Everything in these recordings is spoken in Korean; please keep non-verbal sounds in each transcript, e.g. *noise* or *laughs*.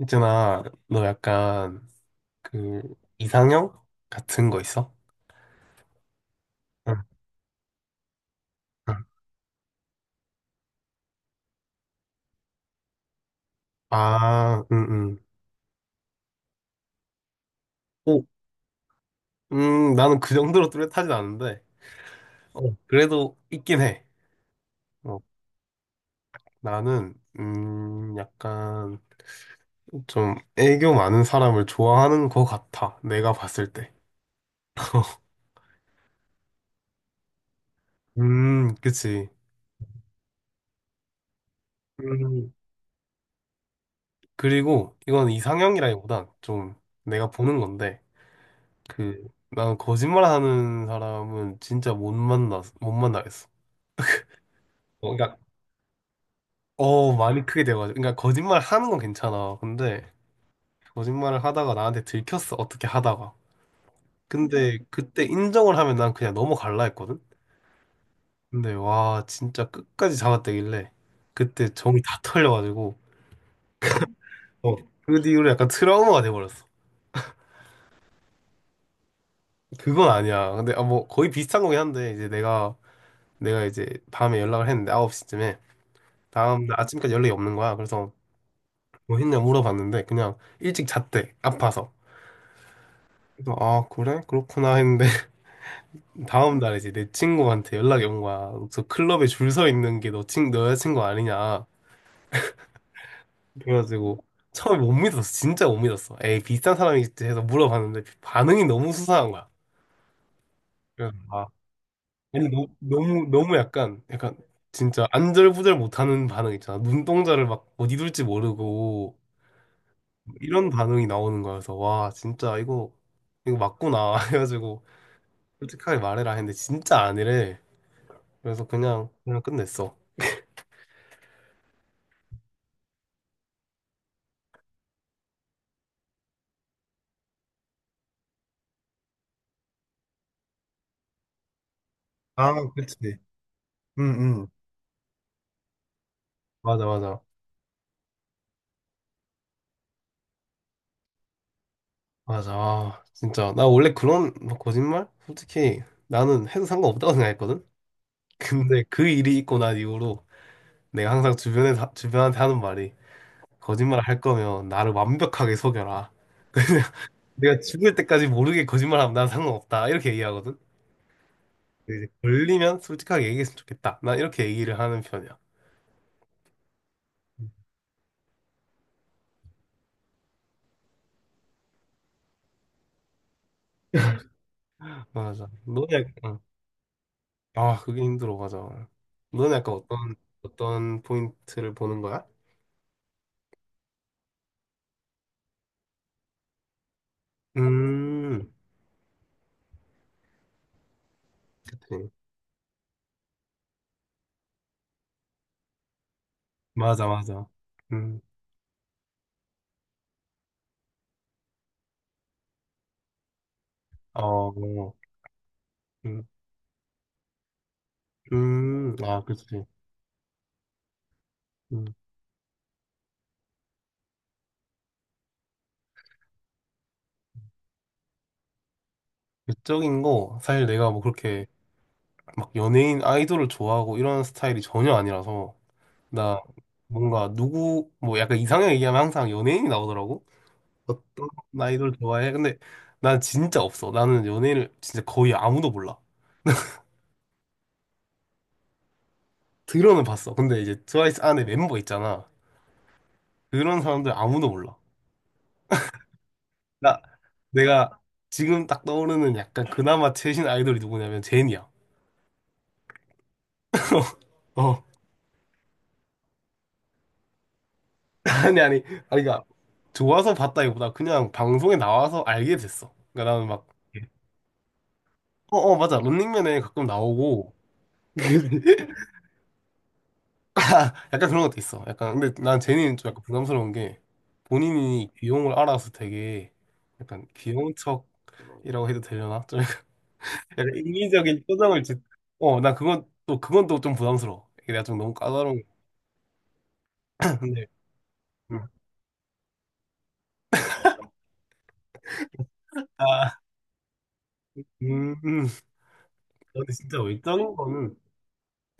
있잖아, 너 약간 그 이상형 같은 거 있어? 응, 응. 아, 응, 응. 오, 나는 그 정도로 뚜렷하진 않은데, 어, 그래도 있긴 해. 어, 나는 약간 좀 애교 많은 사람을 좋아하는 것 같아. 내가 봤을 때. 그치. 음, 그리고 이건 이상형이라기보단 좀 내가 보는 건데, 그 나는 거짓말하는 사람은 진짜 못 만나겠어. 어, 그러니까 많이 크게 돼가지고 그러니까 거짓말 하는 건 괜찮아. 근데 거짓말을 하다가 나한테 들켰어, 어떻게 하다가. 근데 그때 인정을 하면 난 그냥 넘어갈라 했거든. 근데 와, 진짜 끝까지 잡아떼길래 그때 정이 다 털려가지고 어, 그 뒤로 약간 트라우마가 돼버렸어. 그건 아니야. 근데 아, 뭐 거의 비슷한 거긴 한데 이제 내가 이제 밤에 연락을 했는데 9시쯤에 다음 날 아침까지 연락이 없는 거야. 그래서 뭐 했냐 물어봤는데 그냥 일찍 잤대, 아파서. 그래서 아, 그래, 그렇구나 했는데 다음 날 이제 내 친구한테 연락이 온 거야. 저 클럽에 줄 서 있는 게 너 여자친구 아니냐. 그래가지고 처음에 못 믿었어. 진짜 못 믿었어. 에이, 비슷한 사람이겠지 해서 물어봤는데 반응이 너무 수상한 거야. 그래서 아, 아니, 너, 너무, 너무 약간, 약간 진짜 안절부절 못하는 반응 있잖아. 눈동자를 막 어디 둘지 모르고 이런 반응이 나오는 거여서 와, 진짜 이거, 이거 맞구나. *laughs* 해가지고 솔직하게 말해라 했는데 진짜 아니래. 그래서 그냥 끝냈어. 아, 그치. 응, 응. 맞아, 맞아. 맞아. 아, 진짜. 나 원래 그런 막 거짓말? 솔직히 나는 해도 상관없다고 생각했거든? *laughs* 근데 그 일이 있고 난 이후로 내가 항상 주변에, 주변한테 하는 말이 거짓말 할 거면 나를 완벽하게 속여라. 내가 죽을 때까지 모르게 거짓말하면 난 상관없다. 이렇게 얘기하거든? 근데 이제 걸리면 솔직하게 얘기했으면 좋겠다. 난 이렇게 얘기를 하는 편이야. 맞아. 너네, 약간, 아, 그게 힘들어. 맞아. 너는 약간 어떤 포인트를 보는 거야? 음, 그치. 맞아, 맞아. 음, 어, 음, 아, 그치. 음. 외적인 거, 사실 내가 뭐 그렇게 막 연예인 아이돌을 좋아하고 이런 스타일이 전혀 아니라서, 나 뭔가 누구, 뭐 약간 이상형 얘기하면 항상 연예인이 나오더라고. 어떤 아이돌 좋아해? 근데 난 진짜 없어. 나는 연예인을 진짜 거의 아무도 몰라. 들어는 봤어. 근데 이제 트와이스 안에 멤버 있잖아. 그런 사람들 아무도 몰라. 나, 내가 지금 딱 떠오르는 약간 그나마 최신 아이돌이 누구냐면 제니야. 어. *laughs* 아니 아니 아니, 그러니까 좋아서 봤다기보다 그냥 방송에 나와서 알게 됐어. 그러니까 나는 막 어 어 맞아, 런닝맨에 가끔 나오고. *laughs* 아, 약간 그런 것도 있어. 약간 근데 난 제니는 좀 약간 부담스러운 게 본인이 귀여움을 알아서 되게 약간 귀여운 척이라고 해도 되려나? 좀 *laughs* 약간 인위적인 표정을 짓. 어나 그건 또 좀 부담스러워. 이게 내가 좀 너무 까다로운 데. *laughs* 음, 음. 근데 진짜 외적인 거는,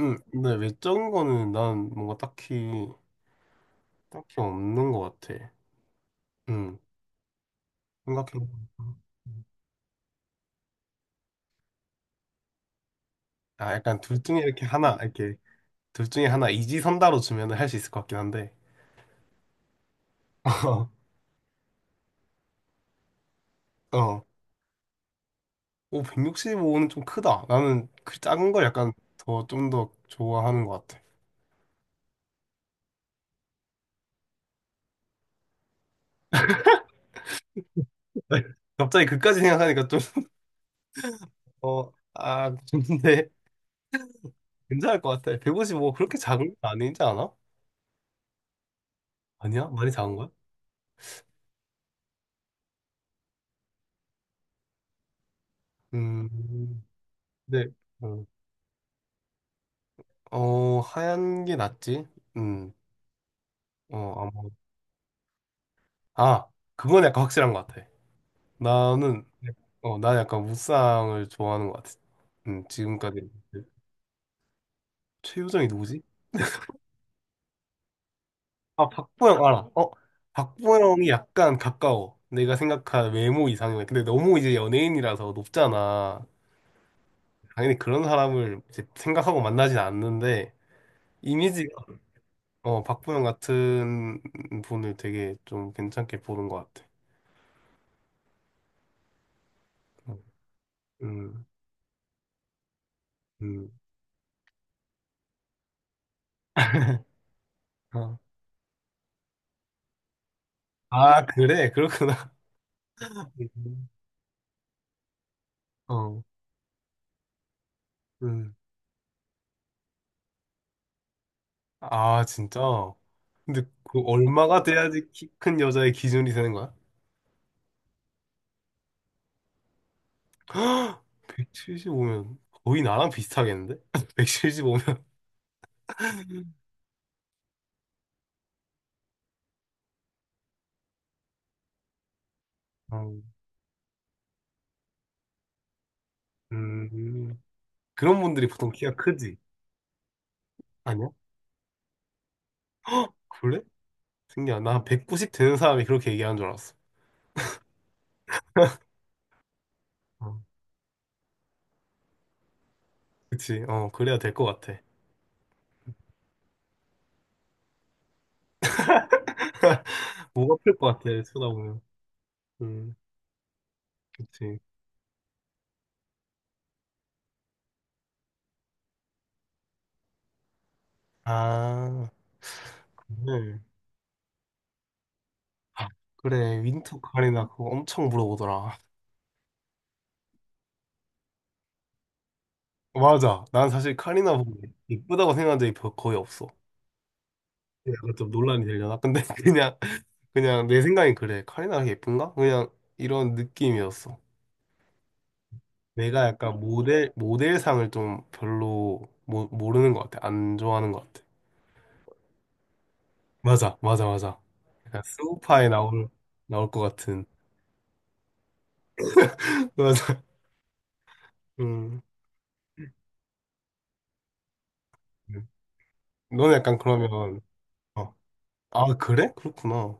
근데 외적인 거는 난 뭔가 딱히 없는 것 같아. 음, 생각해보니까. 아, 약간 둘 중에 이렇게 하나, 이렇게, 둘 중에 하나 이지선다로 주면은 할 수 있을 것 같긴 한데. *laughs* 어, 오, 165는 좀 크다. 나는 그 작은 걸 약간 더, 좀 더 좋아하는 것 같아. *laughs* 갑자기 그까지 생각하니까 좀, 어, 아, 근데 괜찮을 것 같아. 155 그렇게 작은 건 아니지 않아? 아니야? 많이 작은 거야? 음, 근데 음, 어 하얀 게 낫지. 음, 어 아마. 아, 그건 약간 확실한 것 같아. 나는 어나 약간 무쌍을 좋아하는 것 같아. 음, 지금까지. 최유정이 누구지? 아, 박보영 알아. 어, 박보영이 약간 가까워. 내가 생각한 외모 이상형이 근데 너무 이제 연예인이라서 높잖아. 당연히 그런 사람을 이제 생각하고 만나진 않는데 이미지가 어 박보영 같은 분을 되게 좀 괜찮게 보는 것 같아. 음. 음. *laughs* 어. 아, 그래? 그렇구나. 음. 어. 음. 아, 진짜? 근데 그 얼마가 돼야지 키 큰 여자의 기준이 되는 거야? *gasps* 175면 거의 나랑 비슷하겠는데? *laughs* 175면? 어. 음. 그런 분들이 보통 키가 크지? 아니야? 그래? 신기하다. 나190 되는 사람이 그렇게 얘기하는 줄 알았어. 어. 그치? 어, 그래야 될 것 같아. 뭐가 플것 같아, 쳐다보면. 음, 그치. 아, 그래. 아, 그래, 윈터 카리나 그거 엄청 물어보더라. 맞아. 난 사실 카리나 보고 이쁘다고 생각한 적이 거의 없어. 약간 좀 논란이 되려나? 근데 *laughs* 그냥, 그냥 내 생각이 그래. 카리나 예쁜가? 그냥 이런 느낌이었어. 내가 약간 모델, 모델상을 좀 별로 모르는 것 같아. 안 좋아하는 것 같아. 맞아, 맞아, 맞아. 약간 스우파에 나올 것 같은. *laughs* 맞아. 음. 음. 너는 약간 그러면, 어. 아, 그래? 그렇구나.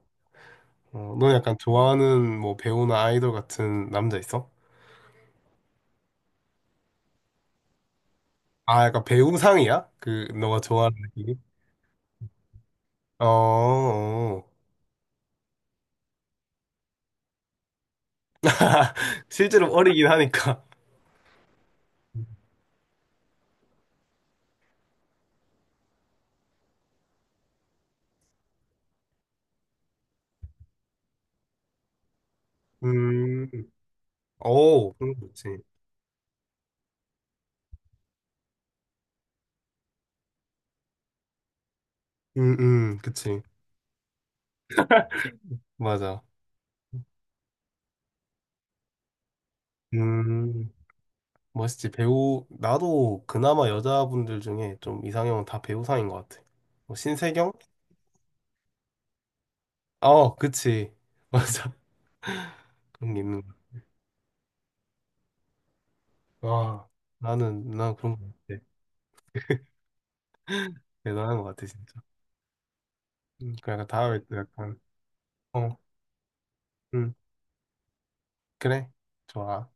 어, 너 약간 좋아하는 뭐 배우나 아이돌 같은 남자 있어? 아, 약간 배우상이야? 그 너가 좋아하는 느낌이? 어, 어. 실제로 어리긴 하니까. *laughs* 음, 오, 그런 거 그치. 그치. 맞아. 음, 멋있지. 배우, 나도 그나마 여자분들 중에 좀 이상형은 다 배우상인 것 같아. 뭐 신세경? 어, 그치. *laughs* 맞아. 그런 게 있는 거. 와, 난 그런 거 같아. 대단한 것 같아, 진짜. 그 약간 다음에 또 약간 어, 음, 그래. 좋아.